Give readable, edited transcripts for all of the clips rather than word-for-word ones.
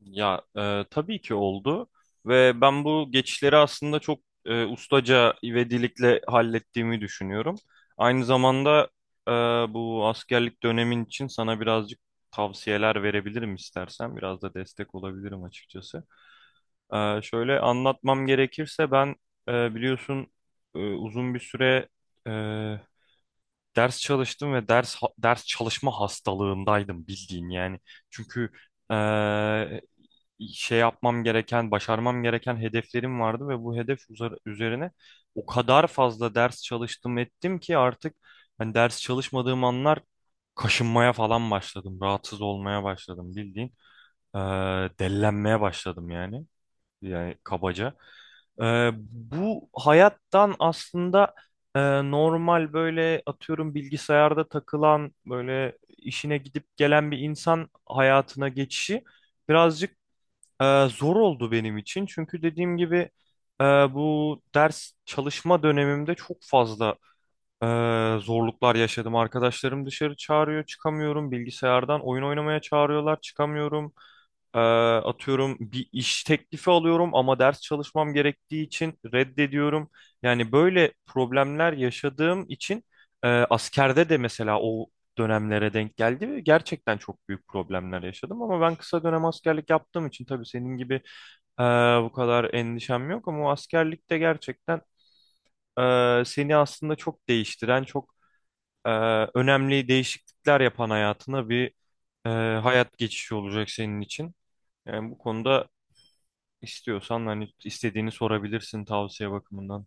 Tabii ki oldu ve ben bu geçişleri aslında çok ustaca ivedilikle hallettiğimi düşünüyorum. Aynı zamanda e, bu askerlik dönemin için sana birazcık tavsiyeler verebilirim istersen. Biraz da destek olabilirim açıkçası. Şöyle anlatmam gerekirse ben biliyorsun, uzun bir süre ders çalıştım ve ders çalışma hastalığındaydım bildiğin yani. Çünkü eee, şey yapmam gereken, başarmam gereken hedeflerim vardı ve bu üzerine o kadar fazla ders çalıştım ettim ki artık hani ders çalışmadığım anlar kaşınmaya falan başladım, rahatsız olmaya başladım bildiğin. Dellenmeye başladım yani kabaca. Bu hayattan aslında e, normal, böyle atıyorum, bilgisayarda takılan, böyle işine gidip gelen bir insan hayatına geçişi birazcık zor oldu benim için. Çünkü dediğim gibi bu ders çalışma dönemimde çok fazla ee, zorluklar yaşadım. Arkadaşlarım dışarı çağırıyor, çıkamıyorum. Bilgisayardan oyun oynamaya çağırıyorlar, çıkamıyorum. Atıyorum, bir iş teklifi alıyorum ama ders çalışmam gerektiği için reddediyorum. Yani böyle problemler yaşadığım için askerde de mesela o dönemlere denk geldi ve gerçekten çok büyük problemler yaşadım. Ama ben kısa dönem askerlik yaptığım için tabii senin gibi e, bu kadar endişem yok, ama o askerlikte gerçekten seni aslında çok değiştiren, çok e, önemli değişiklikler yapan, hayatına bir e, hayat geçişi olacak senin için. Yani bu konuda istiyorsan hani istediğini sorabilirsin tavsiye bakımından.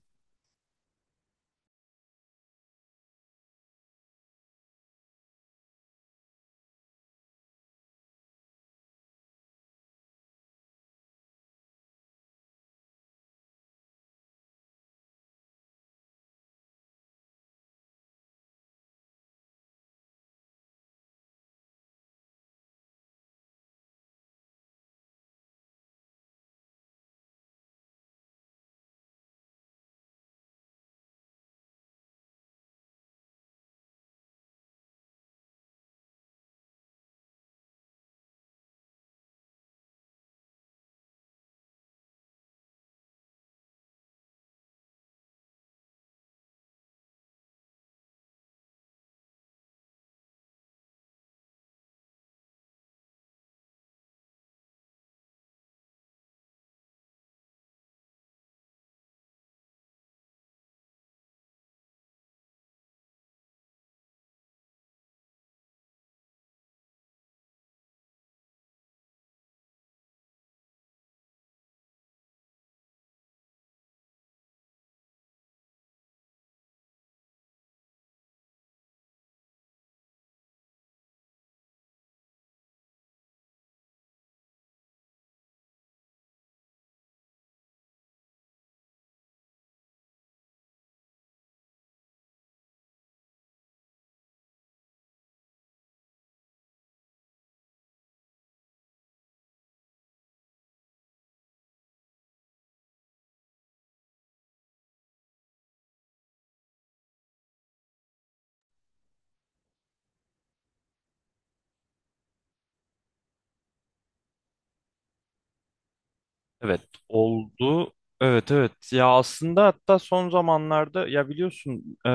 Evet oldu. Evet, evet, ya aslında hatta son zamanlarda, ya biliyorsun,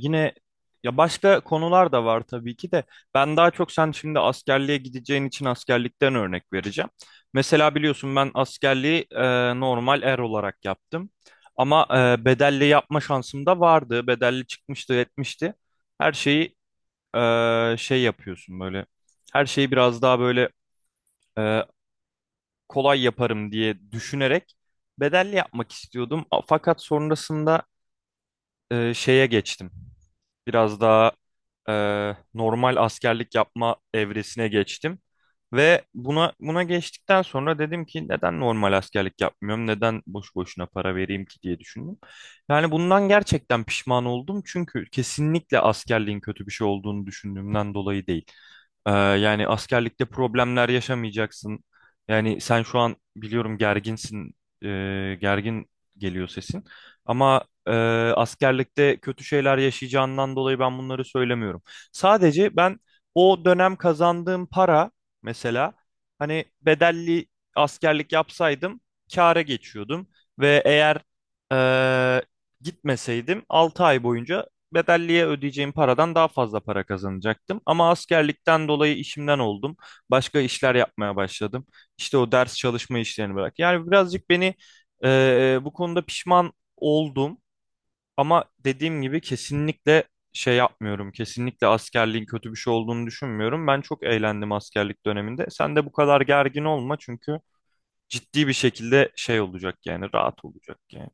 yine, ya başka konular da var tabii ki de, ben daha çok sen şimdi askerliğe gideceğin için askerlikten örnek vereceğim. Mesela biliyorsun ben askerliği normal er olarak yaptım, ama bedelli yapma şansım da vardı, bedelli çıkmıştı etmişti her şeyi. Şey yapıyorsun böyle, her şeyi biraz daha böyle kolay yaparım diye düşünerek bedelli yapmak istiyordum. Fakat sonrasında şeye geçtim. Biraz daha e, normal askerlik yapma evresine geçtim. Ve buna geçtikten sonra dedim ki, neden normal askerlik yapmıyorum? Neden boş boşuna para vereyim ki diye düşündüm. Yani bundan gerçekten pişman oldum, çünkü kesinlikle askerliğin kötü bir şey olduğunu düşündüğümden dolayı değil. Yani askerlikte problemler yaşamayacaksın. Yani sen şu an biliyorum gerginsin, gergin geliyor sesin. Ama ee, askerlikte kötü şeyler yaşayacağından dolayı ben bunları söylemiyorum. Sadece ben o dönem kazandığım para, mesela, hani bedelli askerlik yapsaydım kâra geçiyordum ve eğer ee, gitmeseydim 6 ay boyunca bedelliye ödeyeceğim paradan daha fazla para kazanacaktım. Ama askerlikten dolayı işimden oldum. Başka işler yapmaya başladım. İşte o ders çalışma işlerini bırak. Yani birazcık beni bu konuda pişman oldum. Ama dediğim gibi kesinlikle şey yapmıyorum. Kesinlikle askerliğin kötü bir şey olduğunu düşünmüyorum. Ben çok eğlendim askerlik döneminde. Sen de bu kadar gergin olma, çünkü ciddi bir şekilde şey olacak, yani rahat olacak yani.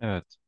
Evet.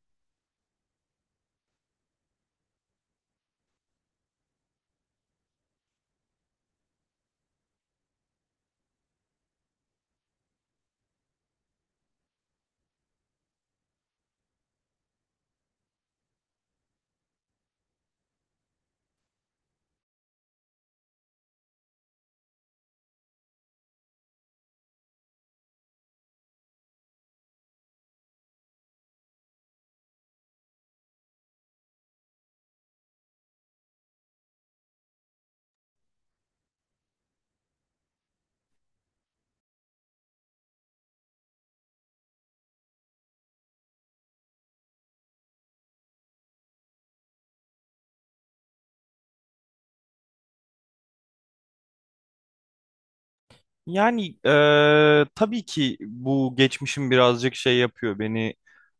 Yani tabii ki bu geçmişim birazcık şey yapıyor beni,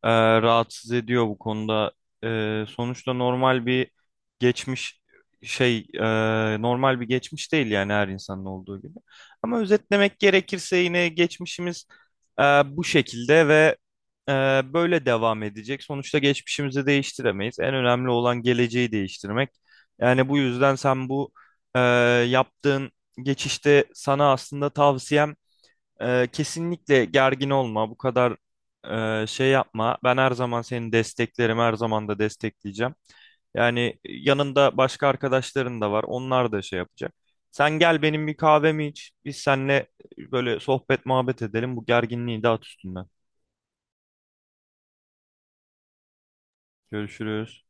rahatsız ediyor bu konuda. Sonuçta normal bir geçmiş, şey, normal bir geçmiş değil yani, her insanın olduğu gibi. Ama özetlemek gerekirse yine geçmişimiz bu şekilde ve böyle devam edecek. Sonuçta geçmişimizi değiştiremeyiz. En önemli olan geleceği değiştirmek. Yani bu yüzden sen bu eee yaptığın geçişte sana aslında tavsiyem, kesinlikle gergin olma, bu kadar şey yapma. Ben her zaman seni desteklerim, her zaman da destekleyeceğim. Yani yanında başka arkadaşların da var, onlar da şey yapacak. Sen gel, benim bir kahvemi iç, biz seninle böyle sohbet muhabbet edelim, bu gerginliği de at üstünden. Görüşürüz.